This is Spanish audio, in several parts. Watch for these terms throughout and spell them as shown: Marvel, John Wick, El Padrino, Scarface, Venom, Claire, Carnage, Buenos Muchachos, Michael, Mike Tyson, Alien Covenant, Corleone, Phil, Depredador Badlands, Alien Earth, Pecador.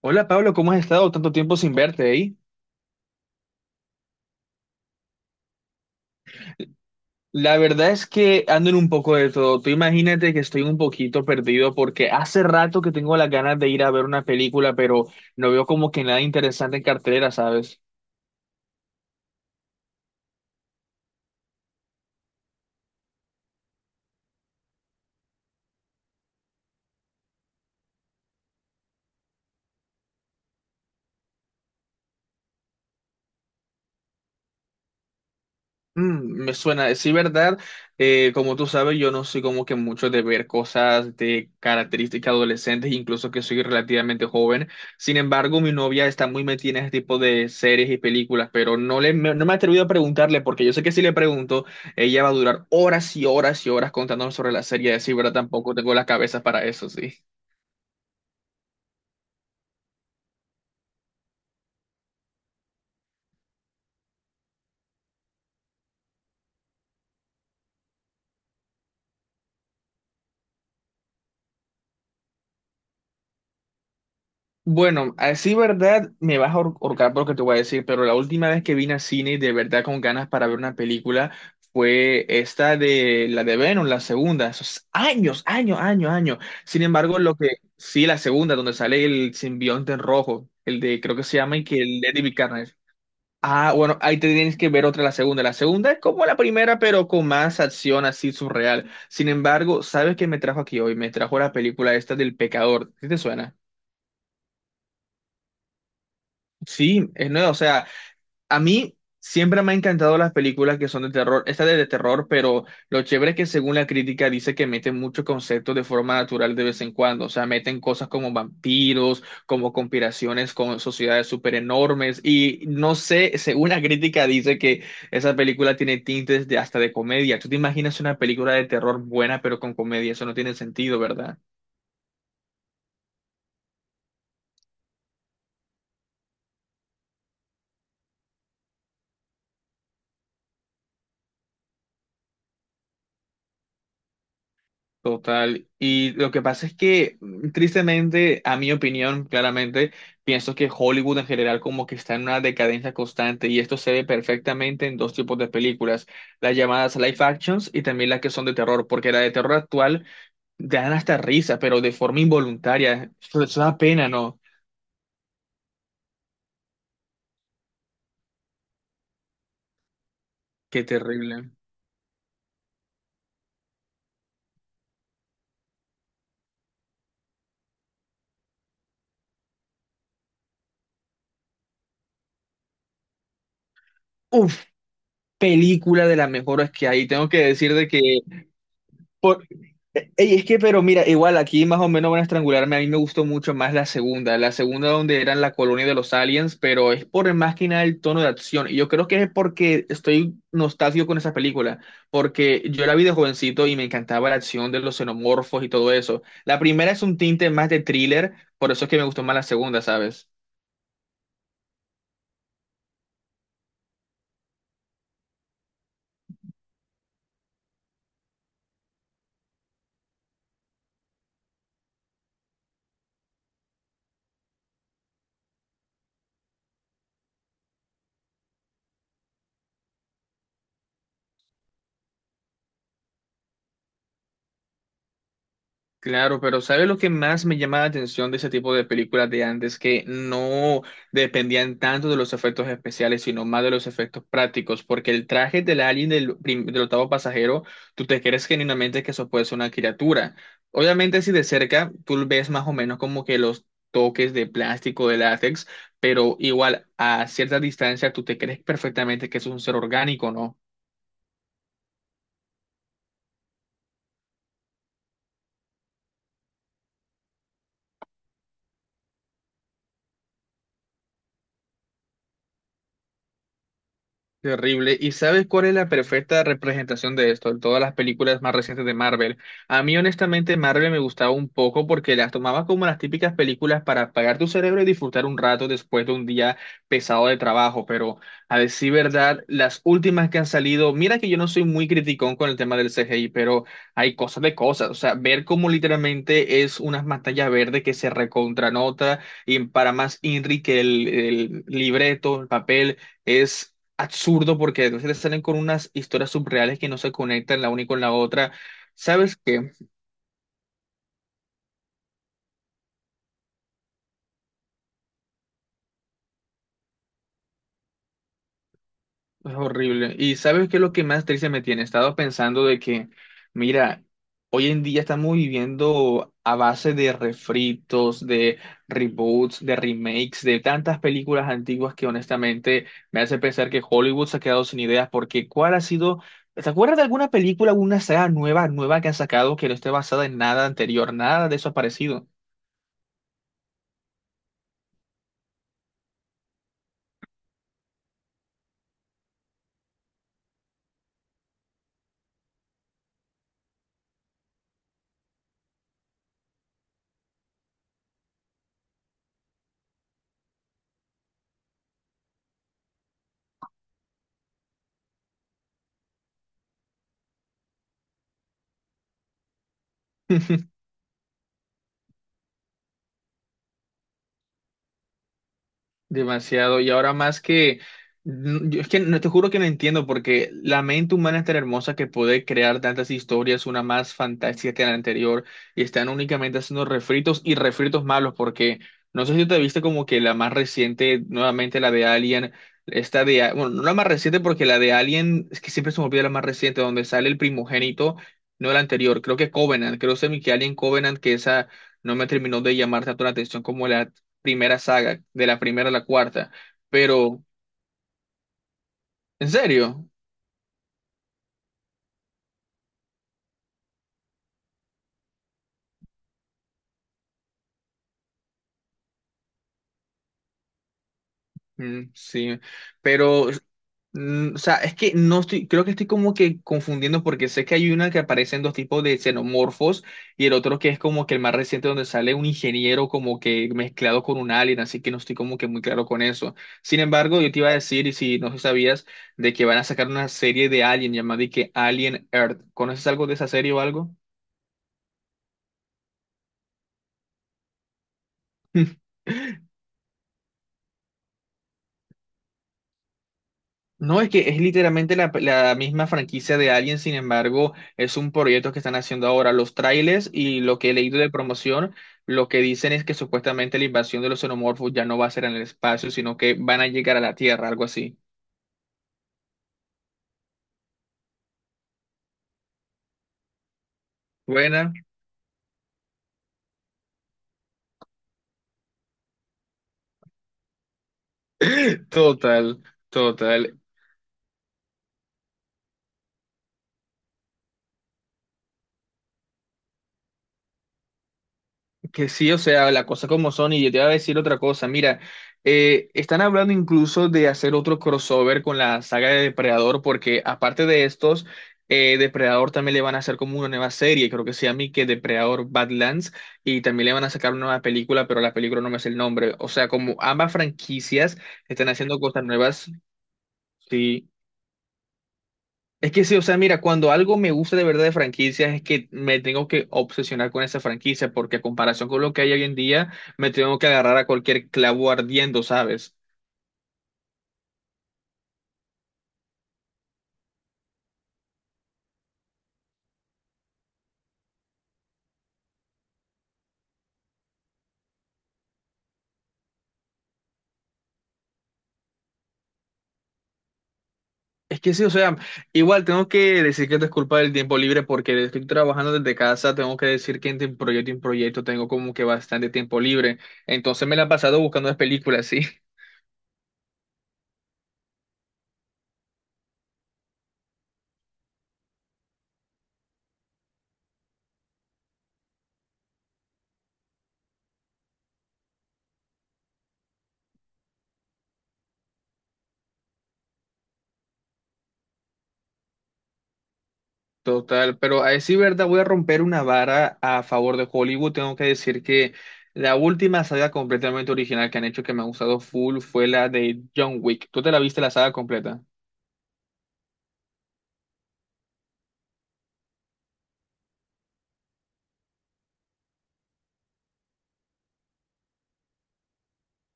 Hola Pablo, ¿cómo has estado? Tanto tiempo sin verte ahí. La verdad es que ando en un poco de todo. Tú imagínate que estoy un poquito perdido porque hace rato que tengo las ganas de ir a ver una película, pero no veo como que nada interesante en cartelera, ¿sabes? Mm, me suena, sí, verdad. Como tú sabes, yo no soy como que mucho de ver cosas de características adolescentes, incluso que soy relativamente joven. Sin embargo, mi novia está muy metida en este tipo de series y películas, pero no me he atrevido a preguntarle porque yo sé que si le pregunto, ella va a durar horas y horas y horas contándome sobre la serie. Así, verdad, tampoco tengo las cabezas para eso, sí. Bueno, así verdad me vas a ahorcar por lo que te voy a decir, pero la última vez que vine al cine de verdad con ganas para ver una película fue esta de la de Venom, la segunda, esos años. Sin embargo, lo que sí, la segunda, donde sale el simbionte en rojo, el de creo que se llama y que el de David Carnage. Ah, bueno, ahí te tienes que ver otra, la segunda. La segunda es como la primera, pero con más acción así surreal. Sin embargo, ¿sabes qué me trajo aquí hoy? Me trajo la película esta del Pecador. ¿Sí te suena? Sí, es nuevo. O sea, a mí siempre me han encantado las películas que son de terror. Esta es de terror, pero lo chévere es que según la crítica dice que meten muchos conceptos de forma natural de vez en cuando. O sea, meten cosas como vampiros, como conspiraciones con sociedades súper enormes. Y no sé, según la crítica dice que esa película tiene tintes de hasta de comedia. ¿Tú te imaginas una película de terror buena pero con comedia? Eso no tiene sentido, ¿verdad? Total. Y lo que pasa es que, tristemente, a mi opinión, claramente, pienso que Hollywood en general como que está en una decadencia constante y esto se ve perfectamente en dos tipos de películas, las llamadas live actions y también las que son de terror, porque la de terror actual te dan hasta risa, pero de forma involuntaria. Eso da pena, ¿no? Qué terrible. Uf, película de las mejores que hay. Tengo que decir de que... por- Ey, es que, pero mira, igual aquí más o menos van a estrangularme. A mí me gustó mucho más la segunda donde eran la colonia de los aliens, pero es por más que nada el tono de acción. Y yo creo que es porque estoy nostálgico con esa película, porque yo la vi de jovencito y me encantaba la acción de los xenomorfos y todo eso. La primera es un tinte más de thriller, por eso es que me gustó más la segunda, ¿sabes? Claro, pero ¿sabes lo que más me llama la atención de ese tipo de películas de antes? Que no dependían tanto de los efectos especiales, sino más de los efectos prácticos, porque el traje del alien del octavo pasajero, tú te crees genuinamente que eso puede ser una criatura. Obviamente si de cerca, tú ves más o menos como que los toques de plástico, de látex, pero igual a cierta distancia, tú te crees perfectamente que eso es un ser orgánico, ¿no? Terrible. ¿Y sabes cuál es la perfecta representación de esto? En todas las películas más recientes de Marvel. A mí, honestamente, Marvel me gustaba un poco porque las tomaba como las típicas películas para apagar tu cerebro y disfrutar un rato después de un día pesado de trabajo. Pero, a decir verdad, las últimas que han salido, mira que yo no soy muy criticón con el tema del CGI, pero hay cosas de cosas. O sea, ver cómo literalmente es una pantalla verde que se recontranota y para más inri que el libreto, el papel. Es absurdo porque entonces te salen con unas historias subreales que no se conectan la una con la otra. ¿Sabes qué? Es horrible. ¿Y sabes qué es lo que más triste me tiene? He estado pensando de que, mira, hoy en día estamos viviendo a base de refritos, de reboots, de remakes, de tantas películas antiguas que honestamente me hace pensar que Hollywood se ha quedado sin ideas porque ¿cuál ha sido... ¿Te acuerdas de alguna película, alguna saga nueva, nueva que han sacado que no esté basada en nada anterior? Nada de eso ha aparecido. Demasiado. Y ahora más que, yo es que no te juro que no entiendo porque la mente humana es tan hermosa que puede crear tantas historias, una más fantástica que la anterior, y están únicamente haciendo refritos y refritos malos porque no sé si te viste como que la más reciente, nuevamente la de Alien, esta de, bueno, no la más reciente porque la de Alien, es que siempre se me olvida la más reciente, donde sale el primogénito, no la anterior, creo que Covenant, creo semi que Alien Covenant, que esa no me terminó de llamar tanto la atención como la primera saga, de la primera a la cuarta, pero, ¿en serio? Mm, sí, pero, o sea, es que no estoy, creo que estoy como que confundiendo porque sé que hay una que aparecen dos tipos de xenomorfos y el otro que es como que el más reciente donde sale un ingeniero como que mezclado con un alien, así que no estoy como que muy claro con eso. Sin embargo, yo te iba a decir, y si no sabías, de que van a sacar una serie de Alien llamada y que Alien Earth. ¿Conoces algo de esa serie o algo? No, es que es literalmente la misma franquicia de Alien, sin embargo, es un proyecto que están haciendo ahora. Los trailers y lo que he leído de promoción, lo que dicen es que supuestamente la invasión de los xenomorfos ya no va a ser en el espacio, sino que van a llegar a la Tierra, algo así. Buena. Total, total. Que sí, o sea, la cosa como son, y yo te iba a decir otra cosa. Mira, están hablando incluso de hacer otro crossover con la saga de Depredador, porque aparte de estos, Depredador también le van a hacer como una nueva serie, creo que se llama y que Depredador Badlands, y también le van a sacar una nueva película, pero la película no me es el nombre. O sea, como ambas franquicias están haciendo cosas nuevas, sí. Es que sí, o sea, mira, cuando algo me gusta de verdad de franquicias es que me tengo que obsesionar con esa franquicia, porque a comparación con lo que hay hoy en día, me tengo que agarrar a cualquier clavo ardiendo, ¿sabes? Es que sí, o sea, igual tengo que decir que esto es culpa del tiempo libre porque estoy trabajando desde casa, tengo que decir que entre un proyecto y un proyecto tengo como que bastante tiempo libre, entonces me la he pasado buscando las películas, sí. Total, pero a decir verdad, voy a romper una vara a favor de Hollywood. Tengo que decir que la última saga completamente original que han hecho que me ha gustado full fue la de John Wick. ¿Tú te la viste la saga completa?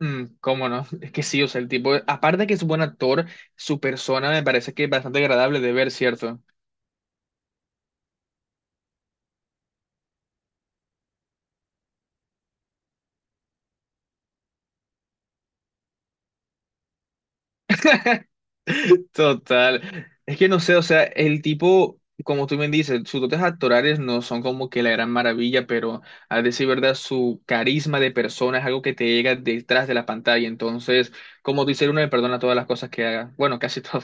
Mm, ¿cómo no? Es que sí, o sea, el tipo, aparte de que es un buen actor, su persona me parece que es bastante agradable de ver, ¿cierto? Total. Es que no sé, o sea, el tipo, como tú bien dices, sus dotes actorales no son como que la gran maravilla, pero a decir verdad, su carisma de persona es algo que te llega detrás de la pantalla. Entonces, como dice uno, le perdona todas las cosas que haga. Bueno, casi todo.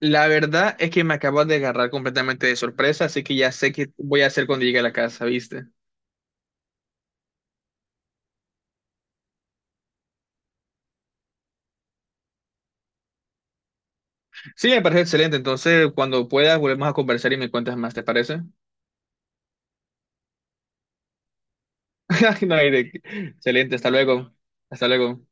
La verdad es que me acabas de agarrar completamente de sorpresa, así que ya sé qué voy a hacer cuando llegue a la casa, ¿viste? Sí, me parece excelente. Entonces, cuando puedas, volvemos a conversar y me cuentas más, ¿te parece? No hay de qué. Excelente, hasta luego. Hasta luego.